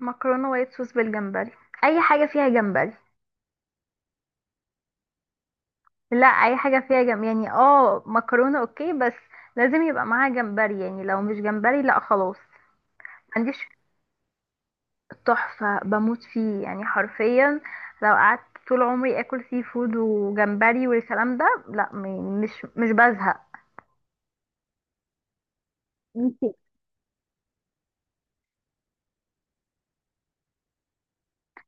مكرونه وايت صوص بالجمبري. اي حاجه فيها جمبري. لا، اي حاجه فيها جمبري يعني. اه مكرونه اوكي، بس لازم يبقى معاها جمبري. يعني لو مش جمبري لا خلاص. ما عنديش. تحفه، بموت فيه يعني حرفيا. لو قعدت طول عمري اكل سي فود وجمبري والكلام ده، لا، مش بزهق. انت.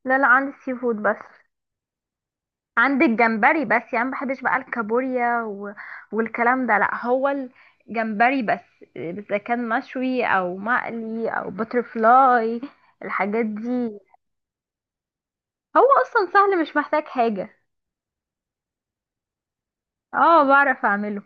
لا لا، عندي سي فود بس. عندك جمبري بس يعني، ما بحبش بقى الكابوريا و... والكلام ده، لا، هو الجمبري بس، اذا كان مشوي او مقلي او بترفلاي، الحاجات دي. هو اصلا سهل، مش محتاج حاجة. اه، بعرف اعمله.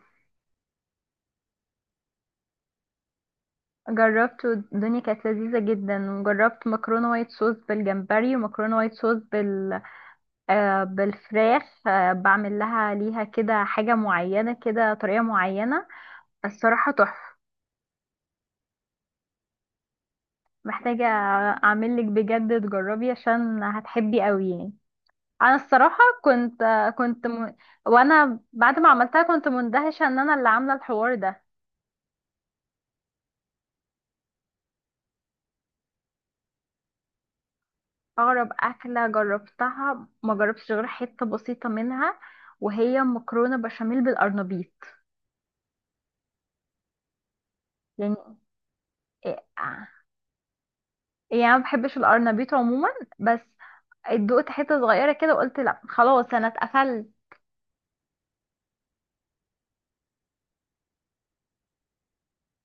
جربته، الدنيا كانت لذيذة جدا، وجربت مكرونة وايت صوص بالجمبري، ومكرونة وايت صوص بال بالفراخ. بعمل ليها كده حاجة معينة كده، طريقة معينة. الصراحة تحفة. محتاجة اعمل لك بجد، تجربي عشان هتحبي قوي يعني. انا الصراحة. كنت كنت م... وانا بعد ما عملتها كنت مندهشة ان انا اللي عاملة الحوار ده. اغرب اكلة جربتها ما جربتش غير حتة بسيطة منها، وهي مكرونة بشاميل بالارنبيط. يعني إيه- يعني انا ما بحبش الارنبيط عموما، بس دقت حتة صغيرة كده وقلت لا خلاص، انا اتقفلت.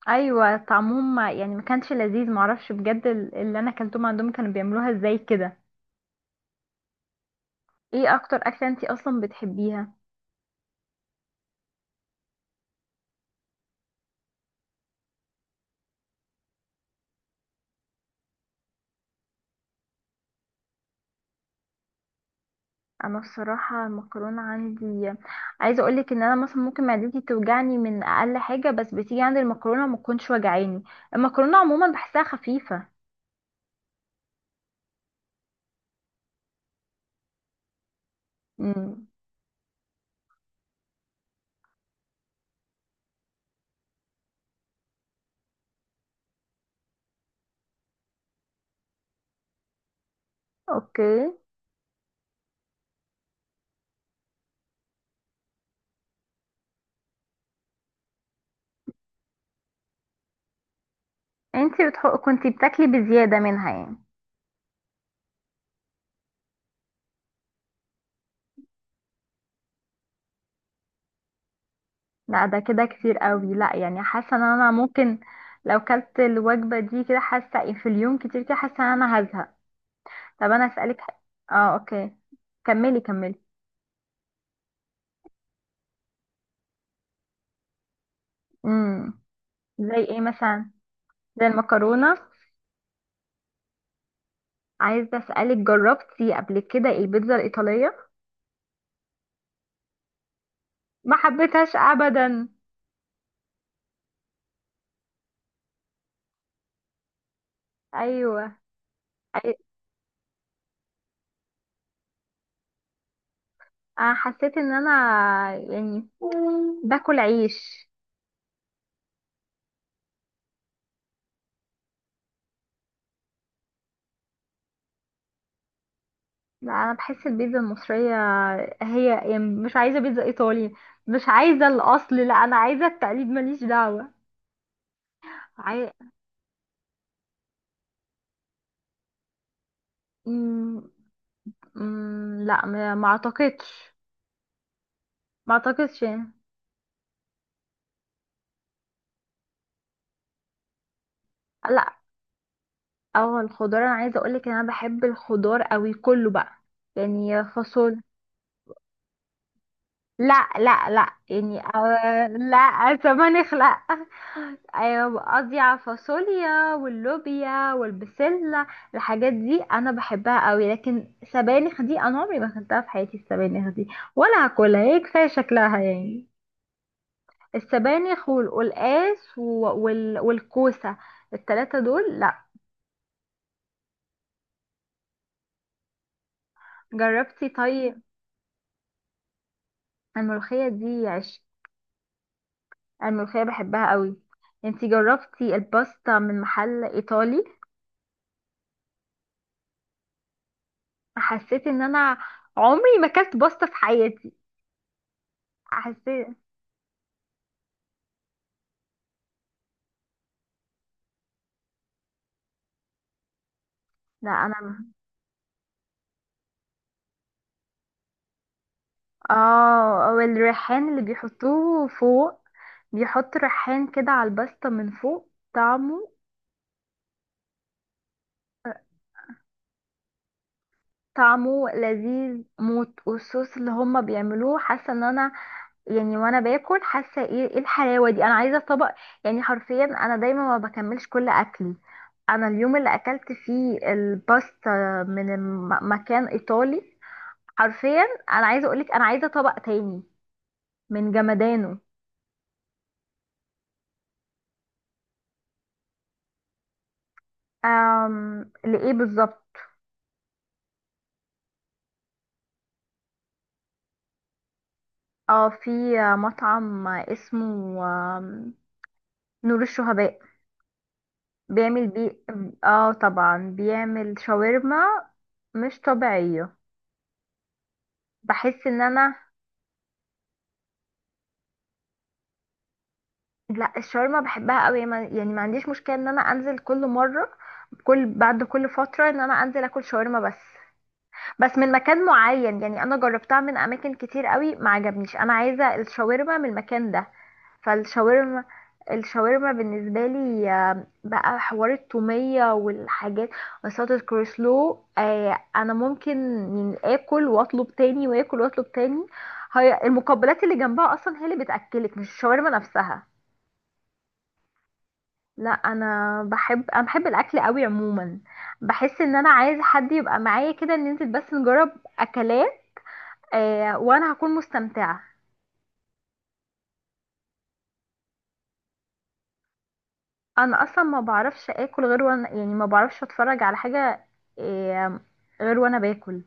ايوه، طعمهم يعني ما كانش لذيذ. معرفش بجد اللي انا اكلتهم عندهم كانوا بيعملوها ازاي كده. ايه اكتر اكله انتي اصلا بتحبيها؟ انا الصراحه المكرونه عندي، عايزه اقولك ان انا مثلا ممكن معدتي توجعني من اقل حاجه، بس بتيجي عند المكرونه ما تكونش وجعاني. المكرونه عموما بحسها خفيفه. امم. اوكي. انتي بتحق كنتي بتاكلي بزياده منها يعني. لا، ده كده كتير قوي. لا يعني، حاسه ان انا ممكن لو كلت الوجبه دي كده، حاسه إيه، في اليوم كتير كده، حاسه ان انا هزهق. طب انا اسالك حاجه. اه، اوكي. كملي كملي. امم. زي ايه مثلا؟ زي المكرونه. عايزه اسالك، جربتي قبل كده البيتزا الايطاليه؟ ما حبيتهاش ابدا. ايوه. أي- انا حسيت ان انا يعني باكل عيش. لا، انا بحس البيتزا المصريه، هي يعني مش عايزه بيتزا ايطالي، مش عايزه الاصل، لا، انا عايزه التقليد، ماليش دعوه. عاي... مم... لا، ما اعتقدش. ما اعتقدش يعني. لا. اه، الخضار انا عايزه اقولك ان انا بحب الخضار قوي كله بقى، يعني فاصوليا. لا لا لا، يعني لا، سبانخ لا. ايوه، قصدي على الفاصوليا واللوبيا والبسله، الحاجات دي انا بحبها قوي. لكن سبانخ دي انا عمري ما اكلتها في حياتي، السبانخ دي ولا هاكلها، هي كفايه شكلها يعني. السبانخ والقلقاس والكوسه، التلاتة دول لا. جربتي طيب. الملوخية دي، أنا الملوخية بحبها قوي. انتي جربتي الباستا من محل ايطالي؟ حسيت ان انا عمري ما اكلت باستا في حياتي. حسيت. لا انا. اه، والريحان اللي بيحطوه فوق، بيحط ريحان كده على الباستا من فوق، طعمه. طعمه لذيذ موت، والصوص اللي هما بيعملوه، حاسه ان انا يعني وانا باكل، حاسه ايه الحلاوه دي، انا عايزه طبق. يعني حرفيا، انا دايما ما بكملش كل اكلي. انا اليوم اللي اكلت فيه الباستا من مكان ايطالي، حرفيا، انا عايزه اقولك انا عايزه طبق تاني من جمدانه. أم، لايه بالظبط. اه، في مطعم اسمه آم، نور الشهباء. بيعمل بي. اه طبعا، بيعمل شاورما مش طبيعيه. بحس ان انا. لا، الشاورما بحبها قوي، يعني ما عنديش مشكله ان انا انزل كل مره، بعد كل فتره ان انا انزل اكل شاورما، بس من مكان معين يعني، انا جربتها من اماكن كتير قوي ما عجبنيش، انا عايزه الشاورما من المكان ده. فالشاورما، الشاورما بالنسبه لي، بقى حوار التوميه والحاجات، وصلة الكروسلو، انا ممكن يعني اكل واطلب تاني واكل واطلب تاني. هي المقبلات اللي جنبها اصلا هي اللي بتاكلك، مش الشاورما نفسها. لا، انا بحب الاكل قوي عموما. بحس ان انا عايزه حد يبقى معايا كده، ننزل بس نجرب اكلات، وانا هكون مستمتعه. انا اصلا ما بعرفش اكل غير وانا، يعني ما بعرفش اتفرج على حاجه. آه غير وانا باكل،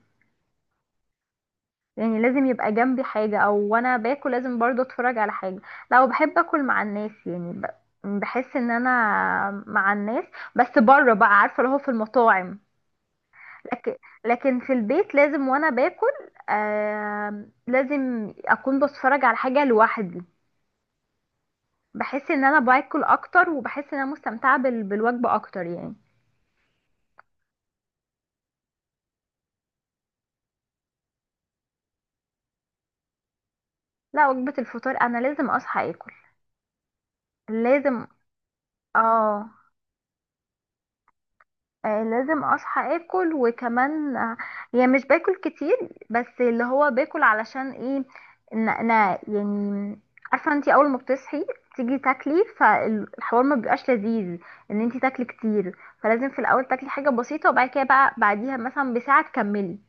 يعني لازم يبقى جنبي حاجه، او وانا باكل لازم برضو اتفرج على حاجه. لو بحب اكل مع الناس يعني بحس ان انا مع الناس، بس بره بقى، عارفه اللي هو في المطاعم. لكن لكن في البيت لازم وانا باكل، لازم اكون بتفرج على حاجه لوحدي. بحس ان انا باكل اكتر، وبحس ان انا مستمتعه بالوجبه اكتر يعني. لا، وجبه الفطار انا لازم اصحى اكل. لازم. اه، لازم اصحى اكل. وكمان، يعني مش باكل كتير، بس اللي هو باكل علشان ايه؟ ان انا يعني، عارفه انتي اول ما بتصحي تيجي تاكلي، فالحوار ما بيبقاش لذيذ ان انتي تاكلي كتير، فلازم في الاول تاكلي حاجه بسيطه، وبعد كده بقى بعديها مثلا بساعه تكملي.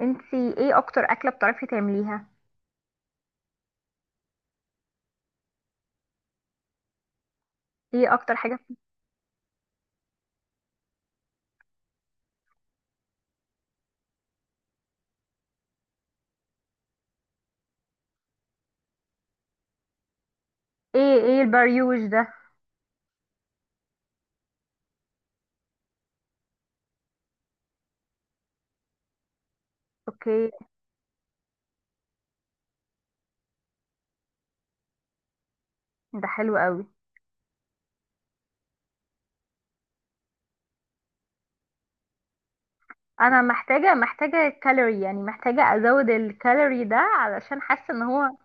انتي ايه اكتر اكله بتعرفي تعمليها؟ ايه اكتر حاجه؟ ايه البريوش ده؟ اوكي. ده حلو قوي. انا محتاجه، محتاجه كالوري يعني، محتاجه ازود الكالوري ده علشان حاسه ان هو.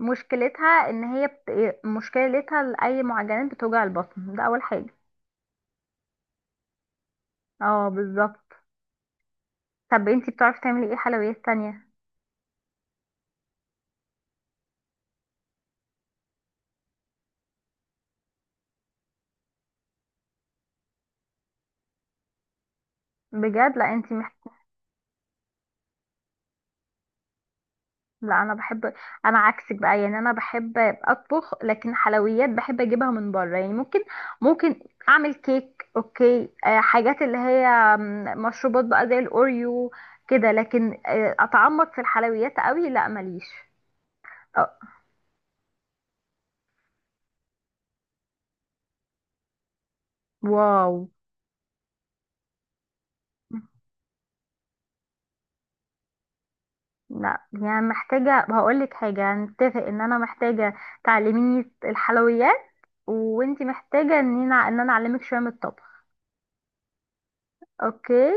مشكلتها ان هي مشكلتها لاي معجنات بتوجع البطن، ده اول حاجه. اه بالظبط. طب انتي بتعرفي تعملي ايه حلويات تانية؟ بجد. لا انتي. لا انا بحب. انا عكسك بقى، يعني انا بحب اطبخ، لكن حلويات بحب اجيبها من بره. يعني ممكن، ممكن اعمل كيك اوكي. حاجات اللي هي مشروبات بقى زي الاوريو كده. لكن اتعمق في الحلويات قوي لا، ماليش. آه، واو. لا يعني، محتاجة هقول لك حاجة، هنتفق ان انا محتاجة تعلميني الحلويات، وانتي محتاجة ان انا اعلمك شوية من الطبخ. اوكي.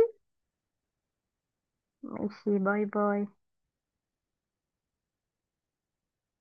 ماشي، باي باي.